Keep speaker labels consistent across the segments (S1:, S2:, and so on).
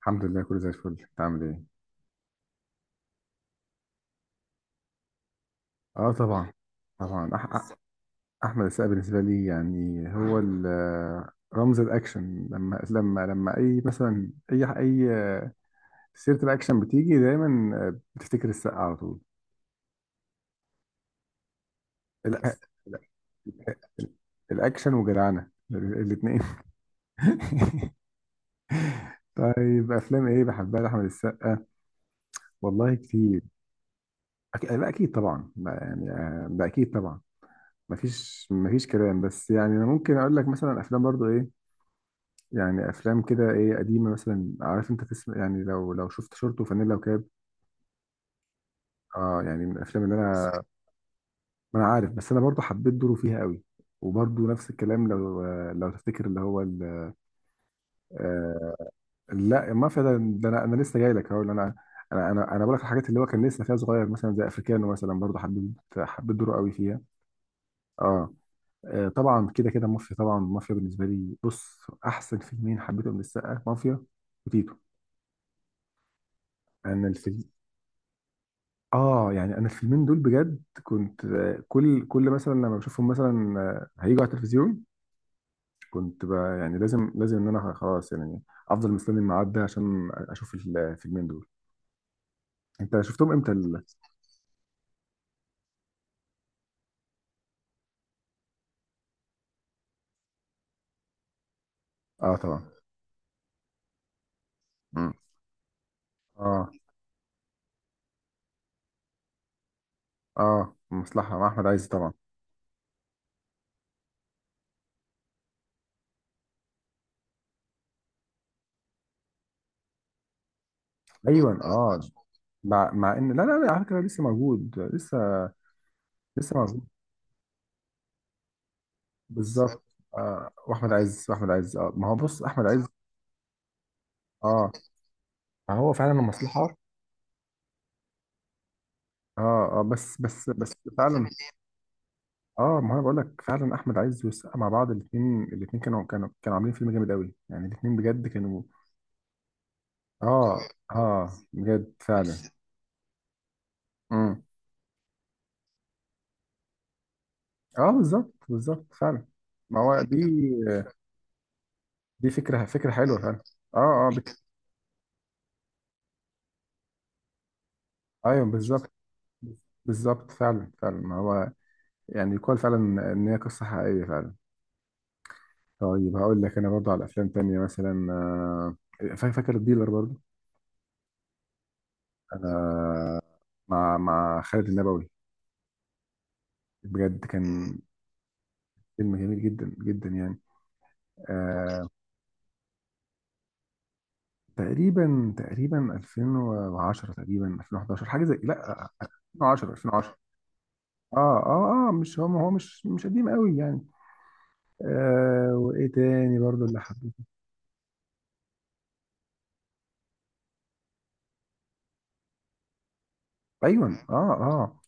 S1: الحمد لله، كله زي الفل. انت عامل ايه؟ اه طبعا. طبعا أح أح احمد السقا بالنسبه لي، يعني هو رمز الاكشن. لما اي، مثلا، اي سيره الاكشن بتيجي دايما بتفتكر السقا على طول. الأ- الأ- الاكشن وجدعنه الاثنين. طيب، افلام ايه بحبها لاحمد السقا؟ والله كتير. لا، اكيد طبعا، ما يعني، ده اكيد طبعا. مفيش كلام، بس يعني انا ممكن اقول لك مثلا افلام برضو، ايه يعني، افلام كده، ايه، قديمه مثلا، عارف انت، تسمع يعني، لو شفت شورت وفانيلا وكاب. اه، يعني من الافلام اللي انا، ما انا عارف، بس انا برضو حبيت دوره فيها قوي. وبرضو نفس الكلام، لو تفتكر اللي هو آه لا، المافيا ده انا لسه جاي لك هقول. انا انا بقول لك الحاجات اللي هو كان لسه فيها صغير، مثلا زي افريكانو، مثلا برضو حبيت دوره قوي فيها. اه. طبعا كده كده مافيا، طبعا مافيا بالنسبه لي. بص، احسن فيلمين حبيتهم للسقا مافيا وتيتو. انا الفيلم، اه يعني، انا الفيلمين دول بجد كنت، كل مثلا لما بشوفهم، مثلا، هيجوا على التلفزيون كنت بقى، يعني، لازم ان انا خلاص، يعني افضل مستني الميعاد ده عشان اشوف الفيلمين دول. انت شفتهم امتى اه طبعا. مم. اه، اه، مصلحة مع احمد عز طبعا. ايوه، اه. مع ان، لا لا لا، على فكرة لسه موجود لسه. لسه موجود. بالظبط. واحمد عز، اه، ما هو بص، احمد عز. اه، ما هو فعلا المصلحة. اه، اه، بس فعلا. اه، ما انا بقول لك فعلا احمد عز والسقا مع بعض. الاثنين كانوا عاملين فيلم جامد قوي، يعني الاثنين بجد كانوا. اه، اه، اه، بجد فعلا. امم. اه، بالظبط بالظبط فعلا. ما هو دي، دي فكره حلوه فعلا. اه، اه، ايوه بالظبط بالظبط فعلا فعلا، ما هو يعني يقال فعلا ان هي قصه حقيقيه فعلا. طيب هقول لك انا برضو على افلام تانية مثلا، فاكر الديلر برضو؟ انا، مع خالد النبوي. بجد كان فيلم جميل جدا جدا، يعني. آه تقريبا 2010، تقريبا 2011، حاجه زي، لا، 2010. 2010. اه، اه، اه، مش هو هو مش قديم قوي يعني. وايه تاني برضو اللي حب؟ ايوه، اه، اه،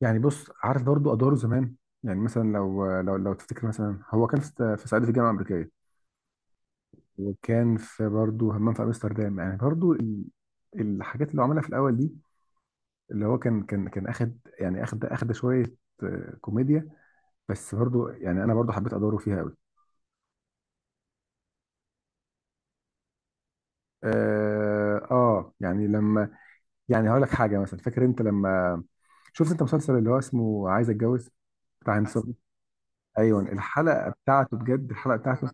S1: يعني بص، عارف برضو ادواره زمان. يعني مثلا، لو تفتكر، مثلا، هو كان في، في صعيدي في الجامعه الامريكيه، وكان في برضو همام في امستردام. يعني برضو الحاجات اللي هو عملها في الاول دي، اللي هو كان اخد، يعني، اخد شويه كوميديا. بس برضو، يعني، انا برضو حبيت ادوره فيها قوي. يعني لما، يعني هقول لك حاجه، مثلا، فاكر انت لما شفت انت مسلسل اللي هو اسمه عايز اتجوز بتاع هند صبري؟ ايوه، الحلقه بتاعته، بجد الحلقه بتاعته.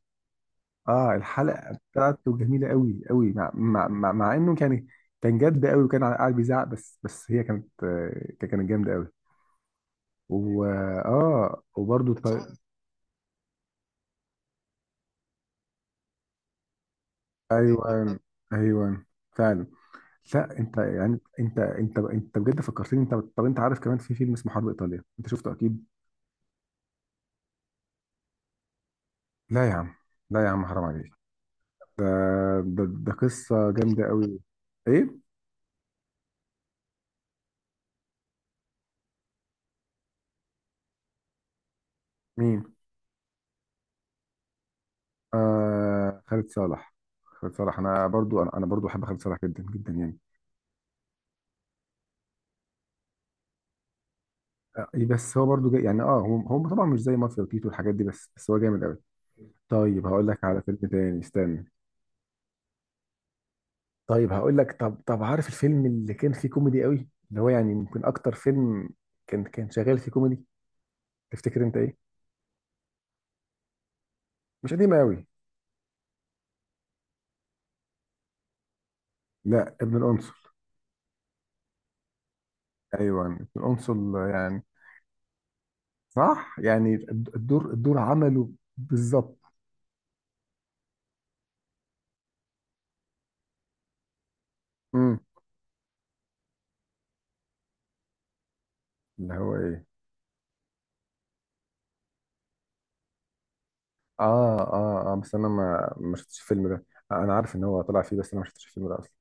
S1: اه، الحلقه بتاعته جميله قوي قوي. مع انه كان، كان جد قوي وكان قاعد بيزعق، بس هي كانت، كانت جامده قوي. و اه وبرضو ايوه، ايوه، فعلا. لا، انت يعني، انت بجد فكرتني انت. طب، انت عارف كمان في فيلم اسمه حرب ايطاليا، انت شفته اكيد؟ لا يا عم، لا يا عم، حرام عليك. ده، ده قصه جامده قوي. ايه؟ مين؟ خالد صالح. خالد صالح، انا برضو، انا برضو بحب خالد صالح جدا جدا، يعني إيه، بس هو برضو جاي يعني، اه، هو طبعا مش زي مافيا وتيتو والحاجات دي، بس هو جامد قوي. طيب هقول لك على فيلم تاني، استنى. طيب هقول لك، طب عارف الفيلم اللي كان فيه كوميدي قوي، اللي هو، يعني، يمكن اكتر فيلم كان شغال فيه كوميدي؟ تفتكر انت ايه؟ مش قديمه قوي. لا، ابن القنصل. ايوه، ابن القنصل يعني. صح، يعني الدور عمله بالظبط. امم. اللي هو ايه؟ اه، اه، اه، بس انا ما شفتش الفيلم ده. انا عارف ان هو طلع فيه، بس انا ما شفتش الفيلم ده اصلا.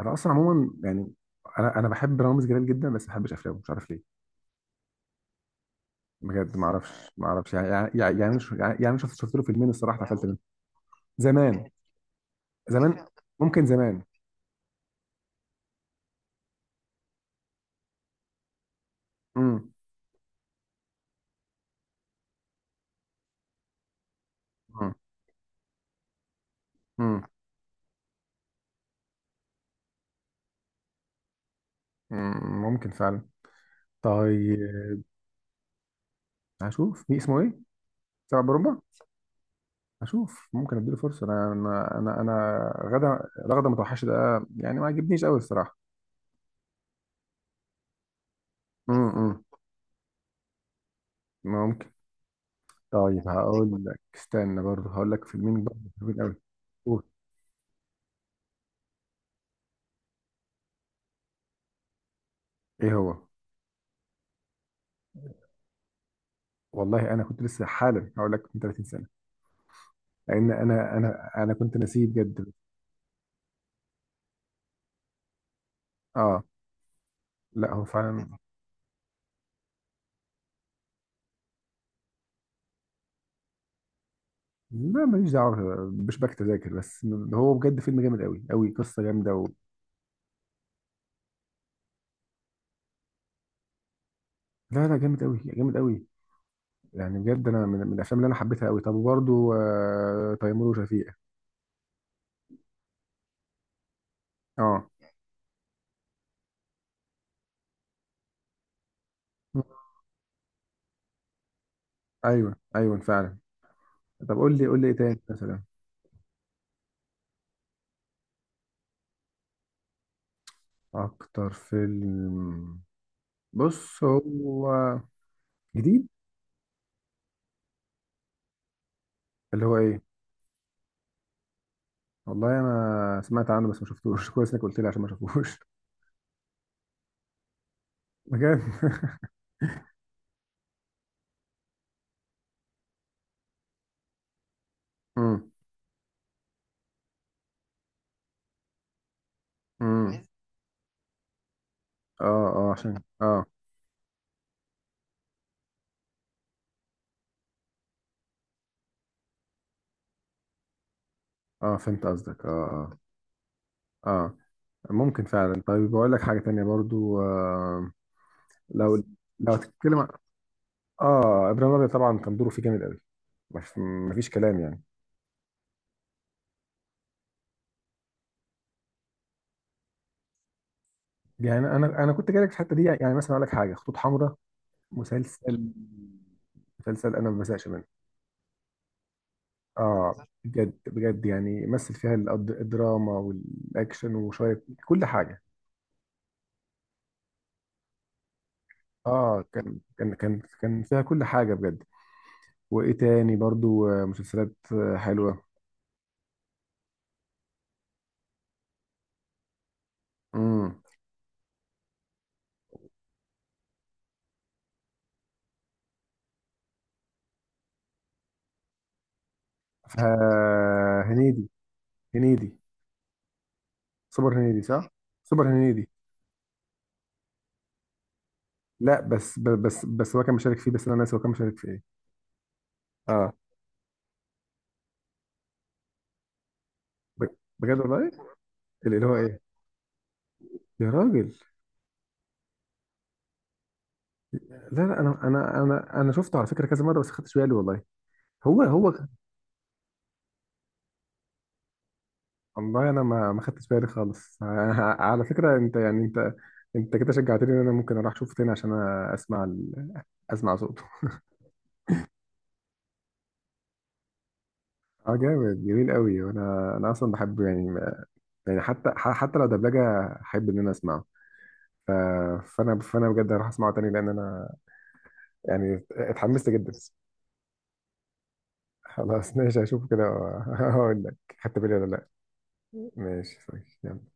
S1: انا اصلا عموما يعني، انا بحب رامز جلال جدا، بس ما بحبش افلامه، مش عارف ليه. بجد، ما اعرفش. يعني شفت له فيلمين، الصراحه اتقفلت منهم. زمان. زمان، ممكن زمان. امم امم ممكن فعلا. طيب هشوف. في اسمه ايه؟ سبع بربع. هشوف، ممكن اديله فرصه. أنا غدا رغده متوحشه ده يعني ما عجبنيش قوي الصراحه. امم، ممكن. طيب هقول لك، استنى برضه، هقول لك فيلمين برضه حلوين قوي. قول. ايه هو؟ والله انا كنت لسه حالا هقول لك من 30 سنه، لان انا كنت ناسيه بجد. اه. لا، هو فعلا. لا، ماليش دعوه، مش بكتب تذاكر بس. هو بجد فيلم جامد قوي قوي، قصه جامده و... لا لا، جامد قوي جامد قوي. يعني بجد انا من الافلام اللي انا حبيتها قوي. طب وبرده تيمور وشفيقة. اه. ايوه، ايوه، فعلا. طب قول لي قول لي ايه تاني مثلا؟ اكتر فيلم، بص هو، جديد، اللي هو ايه؟ والله انا سمعت عنه، بس ما شفتوش كويس انك قلت لي عشان ما شفتوش. بجد امم. امم. اه، اه، عشان، اه. اه، فهمت قصدك، اه، اه. اه، ممكن فعلا. طيب بقول لك حاجة تانية برضو، لو لو هتتكلم، اه، ابراهيم الابيض طبعا كان دوره فيه جامد قوي، مفيش كلام يعني. يعني انا كنت جايلك في الحته دي، يعني مثلا اقول لك حاجه، خطوط حمراء، مسلسل، مسلسل انا ما بزهقش منه. اه، بجد بجد، يعني مثل فيها الدراما والاكشن وشويه كل حاجه. اه، كان فيها كل حاجه بجد. وايه تاني برضو، مسلسلات حلوه. امم. هنيدي. هنيدي. سوبر هنيدي صح. سوبر هنيدي. لا، بس بس هو كان مشارك فيه، بس انا ناسي هو كان مشارك فيه. اه، ب- بجد والله. اللي هو ايه؟ يا راجل. لا لا، انا شفته على فكره كذا مره، بس ما خدتش بالي والله. هو هو. والله انا ما خدتش بالي خالص على فكره. انت يعني، انت، انت كده شجعتني ان انا ممكن اروح اشوفه تاني عشان اسمع اسمع صوته. اه، جامد جميل قوي. وانا اصلا بحب، يعني، يعني حتى حتى لو دبلجه احب ان انا اسمعه. ف- فانا بجد هروح اسمعه تاني لان انا، يعني، اتحمست جدا. خلاص، ماشي، هشوفه كده واقول لك خدت بالي ولا لا. ماشي صحيح.